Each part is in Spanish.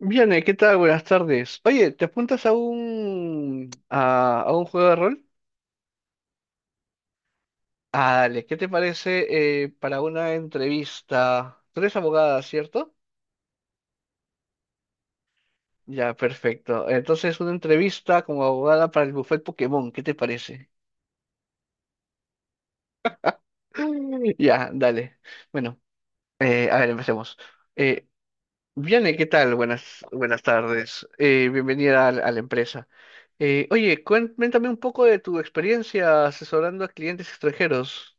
Bien, ¿qué tal? Buenas tardes. Oye, ¿te apuntas a a un juego de rol? Ah, dale, ¿qué te parece para una entrevista? Tú eres abogada, ¿cierto? Ya, perfecto. Entonces, una entrevista como abogada para el buffet Pokémon, ¿qué te parece? Ya, dale. Bueno, a ver, empecemos. Eh, Viane, ¿qué tal? Buenas, buenas tardes. Bienvenida a la empresa. Oye, cuéntame un poco de tu experiencia asesorando a clientes extranjeros.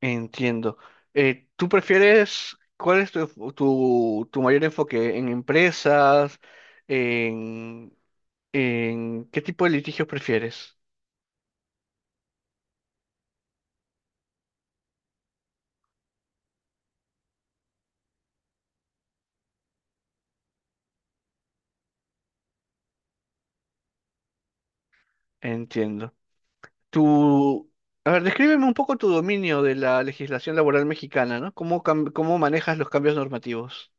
Entiendo. ¿Tú prefieres, cuál es tu mayor enfoque? ¿En empresas? ¿En, en qué tipo de litigios prefieres? Entiendo. Tu, a ver, descríbeme un poco tu dominio de la legislación laboral mexicana, ¿no? Cómo manejas los cambios normativos?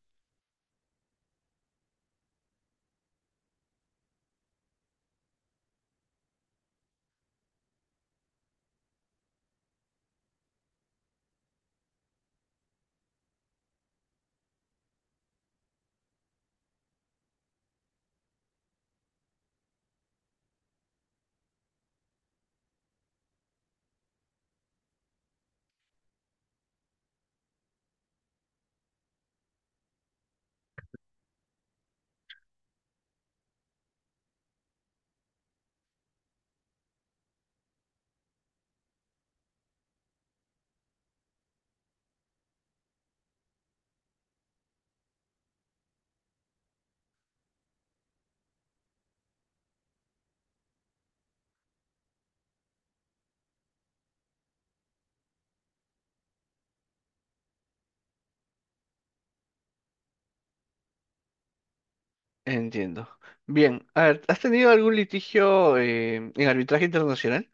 Entiendo. Bien, a ver, ¿has tenido algún litigio en arbitraje internacional?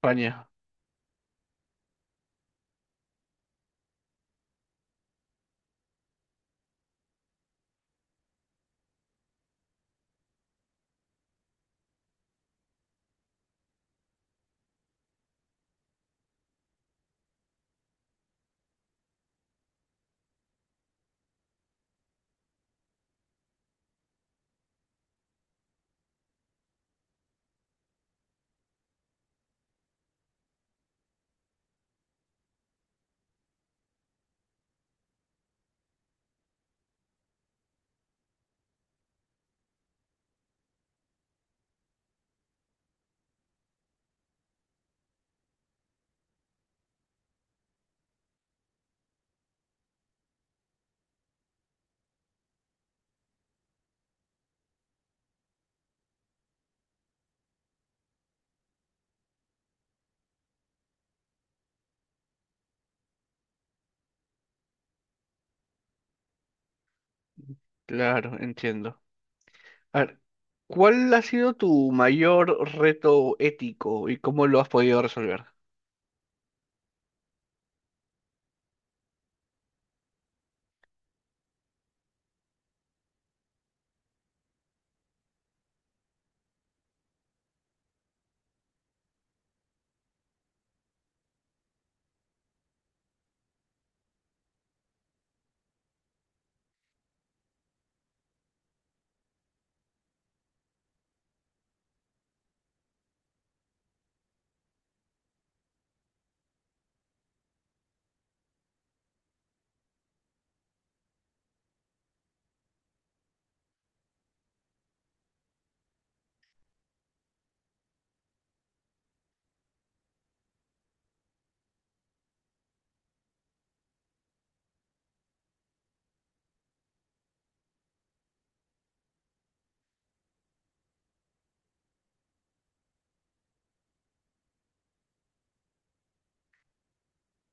España, claro, entiendo. A ver, ¿cuál ha sido tu mayor reto ético y cómo lo has podido resolver?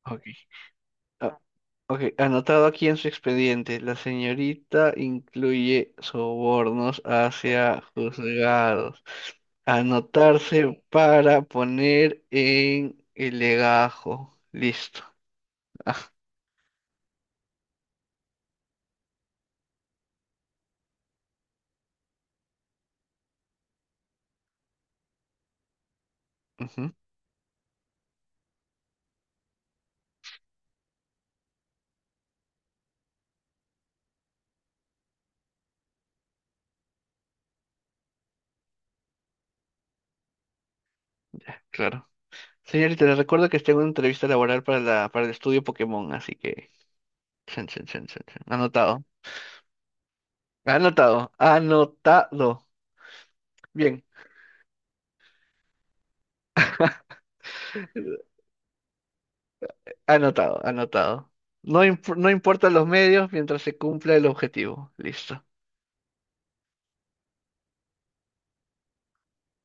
Ok. Ah, ok, anotado aquí en su expediente, la señorita incluye sobornos hacia juzgados. Anotarse para poner en el legajo. Listo. Ah, ujú, claro. Señorita, les recuerdo que tengo una entrevista laboral para para el estudio Pokémon, así que... Chan, chan, chan, chan, chan. Anotado. Anotado. Anotado. Bien, anotado, anotado. No, no importan los medios mientras se cumpla el objetivo. Listo.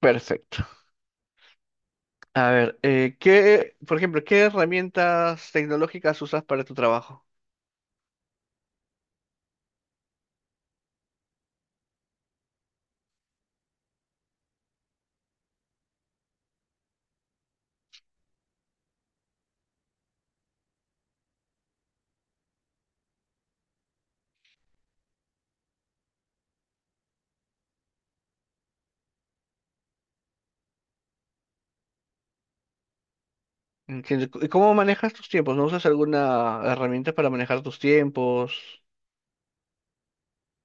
Perfecto. A ver, ¿qué, por ejemplo, qué herramientas tecnológicas usas para tu trabajo? Entiendo. ¿Y cómo manejas tus tiempos? ¿No usas alguna herramienta para manejar tus tiempos,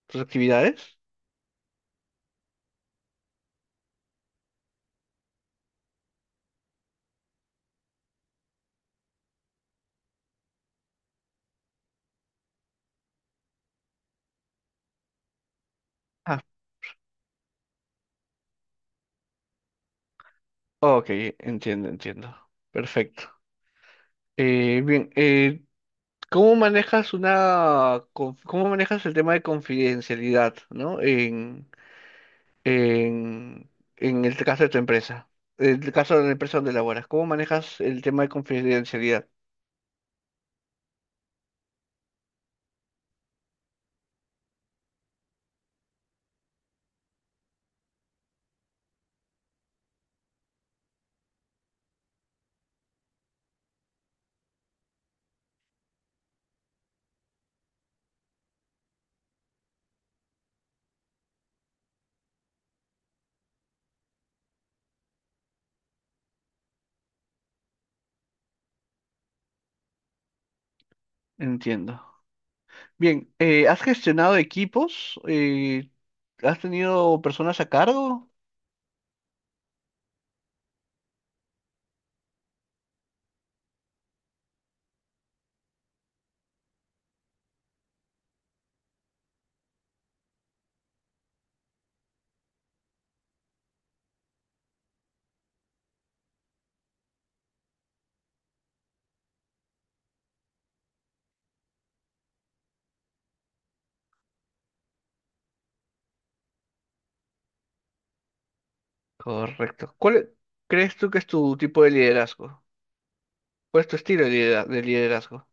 tus actividades? Ah, ok, entiendo, entiendo. Perfecto. Bien, ¿cómo manejas cómo manejas el tema de confidencialidad, ¿no? En, en el caso de tu empresa, en el caso de la empresa donde laboras, ¿cómo manejas el tema de confidencialidad? Entiendo. Bien, ¿has gestionado equipos? ¿Has tenido personas a cargo? Correcto. ¿Crees tú que es tu tipo de liderazgo? ¿Cuál es tu estilo de liderazgo?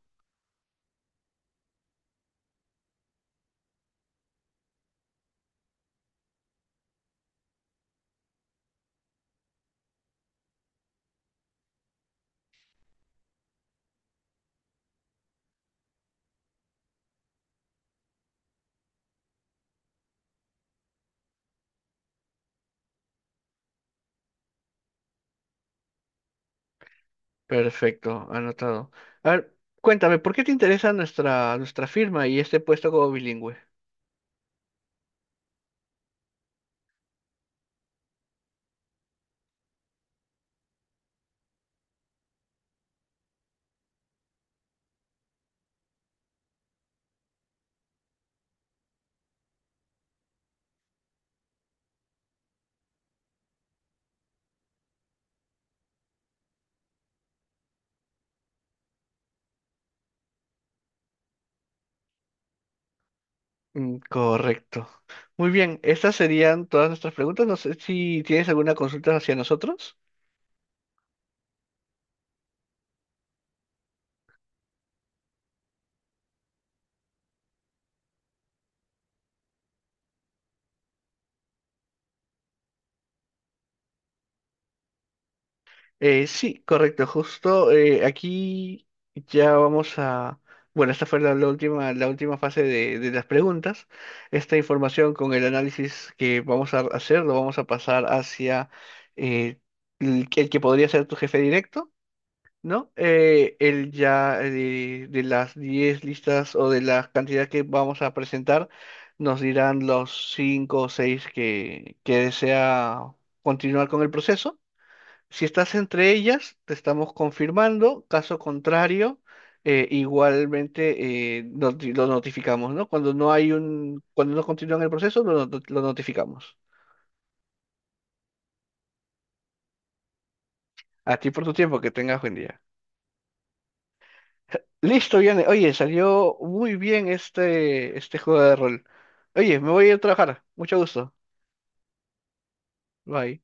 Perfecto, anotado. A ver, cuéntame, ¿por qué te interesa nuestra firma y este puesto como bilingüe? Mm, correcto. Muy bien, estas serían todas nuestras preguntas. No sé si tienes alguna consulta hacia nosotros. Sí, correcto. Justo aquí ya vamos a... Bueno, esta fue la última fase de las preguntas. Esta información con el análisis que vamos a hacer lo vamos a pasar hacia eh, el que podría ser tu jefe directo. ¿No? Él ya de las 10 listas o de la cantidad que vamos a presentar, nos dirán los 5 o 6 que desea continuar con el proceso. Si estás entre ellas, te estamos confirmando. Caso contrario, igualmente lo notificamos, ¿no? Cuando no hay un, cuando no continúan el proceso, lo, not- lo notificamos. A ti por tu tiempo, que tengas buen día. Listo, viene. Oye, salió muy bien este juego de rol. Oye, me voy a ir a trabajar. Mucho gusto. Bye.